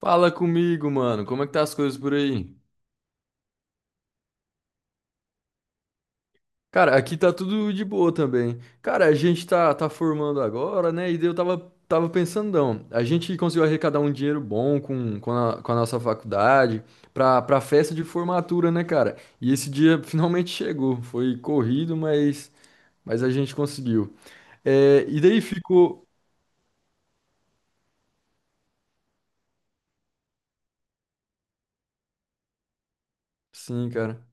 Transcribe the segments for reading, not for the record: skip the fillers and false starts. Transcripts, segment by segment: Fala comigo, mano. Como é que tá as coisas por aí? Cara, aqui tá tudo de boa também. Cara, a gente tá formando agora, né? E daí eu tava pensando, não, a gente conseguiu arrecadar um dinheiro bom com a nossa faculdade pra festa de formatura, né, cara? E esse dia finalmente chegou. Foi corrido, mas a gente conseguiu. É, e daí ficou. Sim, cara.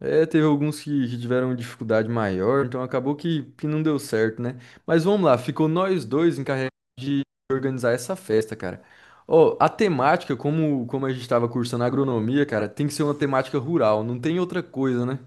É, teve alguns que tiveram dificuldade maior, então acabou que não deu certo, né? Mas vamos lá, ficou nós dois encarregados de organizar essa festa, cara. Ó, a temática, como a gente estava cursando agronomia, cara, tem que ser uma temática rural, não tem outra coisa, né?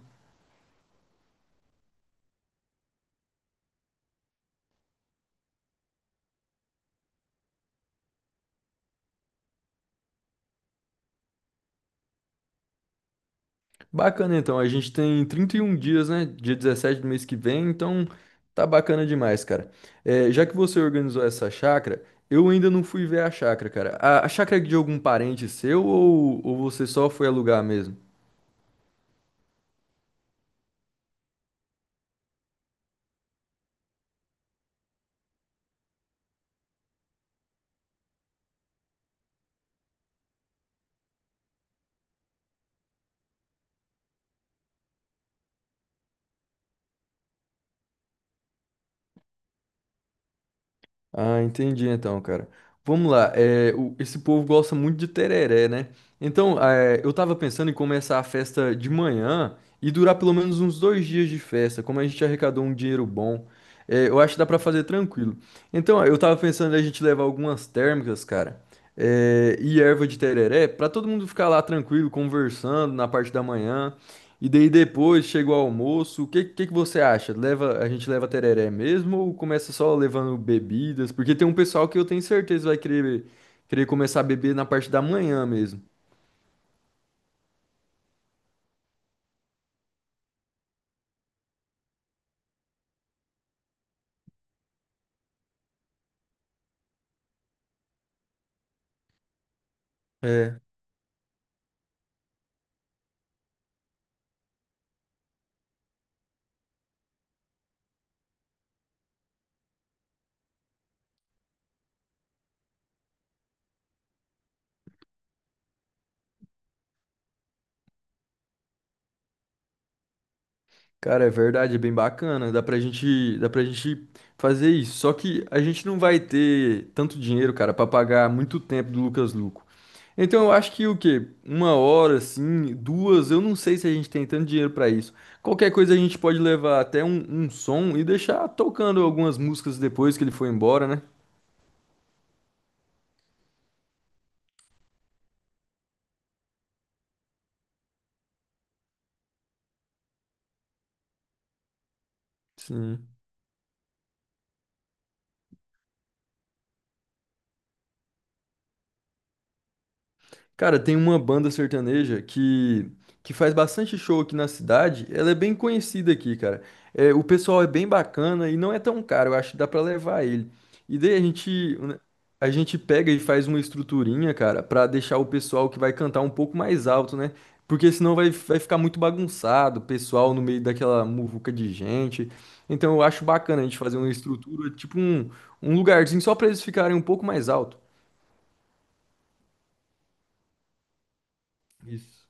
Bacana, então, a gente tem 31 dias, né? Dia 17 do mês que vem, então tá bacana demais, cara. É, já que você organizou essa chácara, eu ainda não fui ver a chácara, cara. A chácara é de algum parente seu ou você só foi alugar mesmo? Ah, entendi então, cara. Vamos lá, é, esse povo gosta muito de tereré, né? Então, é, eu tava pensando em começar a festa de manhã e durar pelo menos uns dois dias de festa, como a gente arrecadou um dinheiro bom. É, eu acho que dá pra fazer tranquilo. Então, eu tava pensando em a gente levar algumas térmicas, cara, é, e erva de tereré, pra todo mundo ficar lá tranquilo, conversando na parte da manhã. E daí depois chega o almoço, o que que você acha? Leva, a gente leva tereré mesmo ou começa só levando bebidas? Porque tem um pessoal que eu tenho certeza vai querer começar a beber na parte da manhã mesmo. É. Cara, é verdade, é bem bacana. Dá pra gente fazer isso. Só que a gente não vai ter tanto dinheiro, cara, pra pagar muito tempo do Lucas Luco. Então eu acho que o quê? Uma hora, assim, duas, eu não sei se a gente tem tanto dinheiro pra isso. Qualquer coisa a gente pode levar até um som e deixar tocando algumas músicas depois que ele for embora, né? Sim. Cara, tem uma banda sertaneja que faz bastante show aqui na cidade. Ela é bem conhecida aqui, cara. É, o pessoal é bem bacana e não é tão caro. Eu acho que dá pra levar ele. E daí a gente pega e faz uma estruturinha, cara, pra deixar o pessoal que vai cantar um pouco mais alto, né? Porque senão vai ficar muito bagunçado, o pessoal no meio daquela muvuca de gente. Então eu acho bacana a gente fazer uma estrutura, tipo um, um lugarzinho só pra eles ficarem um pouco mais alto. Isso.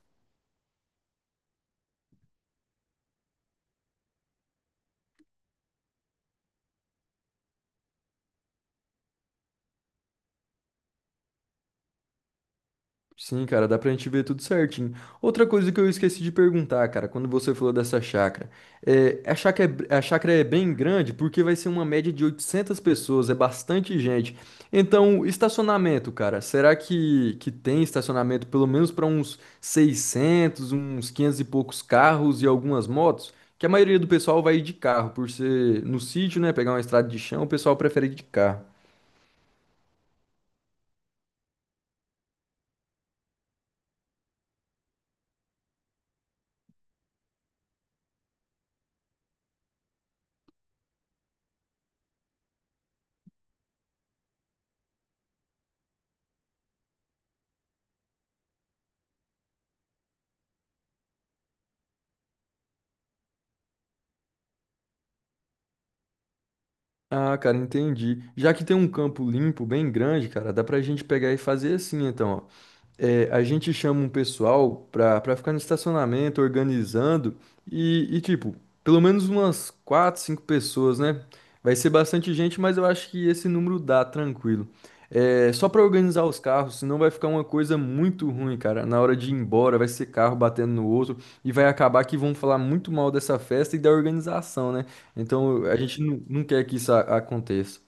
Sim, cara, dá pra gente ver tudo certinho. Outra coisa que eu esqueci de perguntar, cara, quando você falou dessa chácara, é, a chácara é bem grande porque vai ser uma média de 800 pessoas, é bastante gente. Então, estacionamento, cara, será que tem estacionamento pelo menos para uns 600 uns 500 e poucos carros e algumas motos? Que a maioria do pessoal vai de carro, por ser no sítio, né, pegar uma estrada de chão, o pessoal prefere ir de carro. Ah, cara, entendi. Já que tem um campo limpo bem grande, cara, dá pra gente pegar e fazer assim, então, ó é, a gente chama um pessoal pra ficar no estacionamento organizando e, tipo, pelo menos umas quatro, cinco pessoas, né? Vai ser bastante gente, mas eu acho que esse número dá tranquilo. É, só pra organizar os carros, senão vai ficar uma coisa muito ruim, cara. Na hora de ir embora, vai ser carro batendo no outro e vai acabar que vão falar muito mal dessa festa e da organização, né? Então a gente não quer que isso aconteça.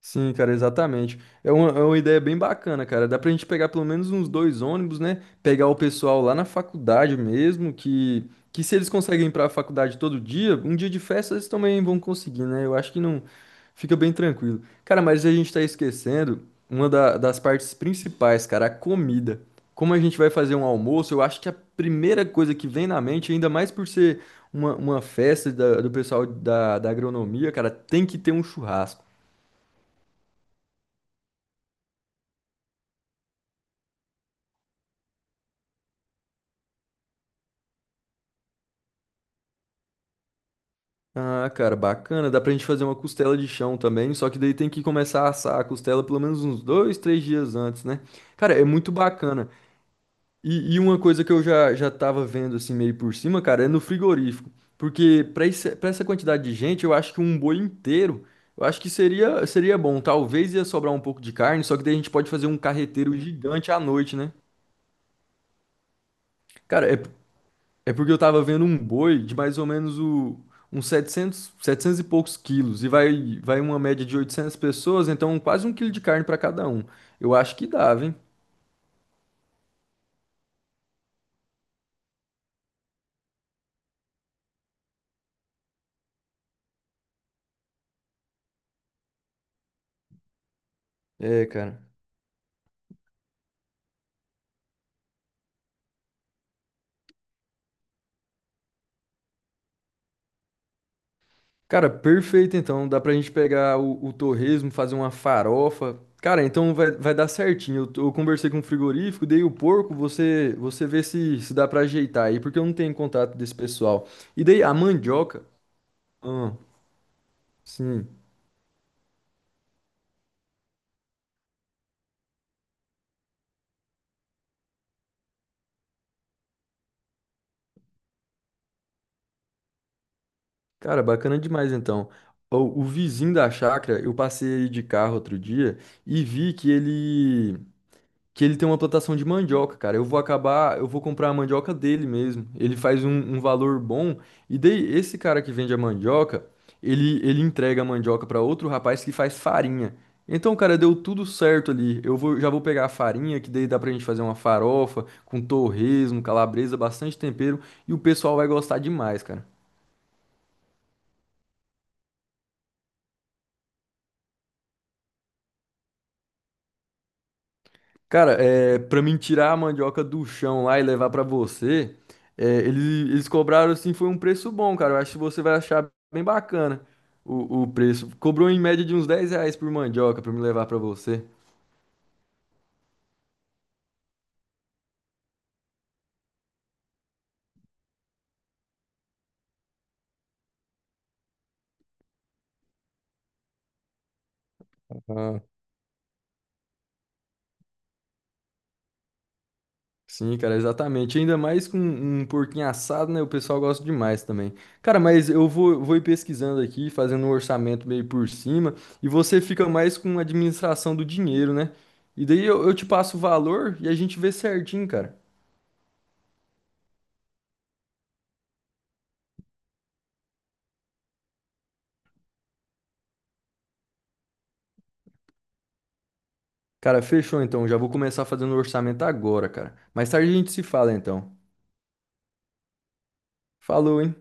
Sim, cara, exatamente. É uma ideia bem bacana, cara. Dá pra gente pegar pelo menos uns dois ônibus, né? Pegar o pessoal lá na faculdade mesmo, que se eles conseguem ir pra faculdade todo dia, um dia de festa eles também vão conseguir, né? Eu acho que não fica bem tranquilo. Cara, mas a gente tá esquecendo uma das partes principais, cara, a comida. Como a gente vai fazer um almoço, eu acho que a primeira coisa que vem na mente, ainda mais por ser uma festa do pessoal da agronomia, cara, tem que ter um churrasco. Ah, cara, bacana. Dá pra gente fazer uma costela de chão também, só que daí tem que começar a assar a costela pelo menos uns dois, três dias antes, né? Cara, é muito bacana. E uma coisa que eu já tava vendo assim meio por cima, cara, é no frigorífico. Porque pra essa quantidade de gente, eu acho que um boi inteiro, eu acho que seria bom. Talvez ia sobrar um pouco de carne, só que daí a gente pode fazer um carreteiro gigante à noite, né? Cara, é, porque eu tava vendo um boi de mais ou menos o, uns 700 700 e poucos quilos. E vai uma média de 800 pessoas, então quase um quilo de carne pra cada um. Eu acho que dava, hein? É, cara. Cara, perfeito então. Dá pra gente pegar o torresmo, fazer uma farofa. Cara, então vai dar certinho. Eu conversei com o frigorífico, dei o porco, você vê se dá pra ajeitar aí, porque eu não tenho contato desse pessoal. E daí a mandioca. Ah, sim. Cara, bacana demais então. O vizinho da chácara, eu passei de carro outro dia e vi que ele tem uma plantação de mandioca, cara. Eu vou comprar a mandioca dele mesmo. Ele faz um valor bom e daí esse cara que vende a mandioca, ele entrega a mandioca para outro rapaz que faz farinha. Então, cara, deu tudo certo ali. Já vou pegar a farinha, que daí dá pra gente fazer uma farofa com torresmo, calabresa, bastante tempero, e o pessoal vai gostar demais, cara. Cara, é, pra mim tirar a mandioca do chão lá e levar pra você, é, eles cobraram assim, foi um preço bom, cara. Eu acho que você vai achar bem bacana o preço. Cobrou em média de uns 10 reais por mandioca pra me levar pra você. Ah, sim, cara, exatamente. Ainda mais com um porquinho assado, né? O pessoal gosta demais também. Cara, mas eu vou ir pesquisando aqui, fazendo um orçamento meio por cima, e você fica mais com a administração do dinheiro, né? E daí eu te passo o valor e a gente vê certinho, cara. Cara, fechou então. Já vou começar fazendo o orçamento agora, cara. Mais tarde a gente se fala então. Falou, hein?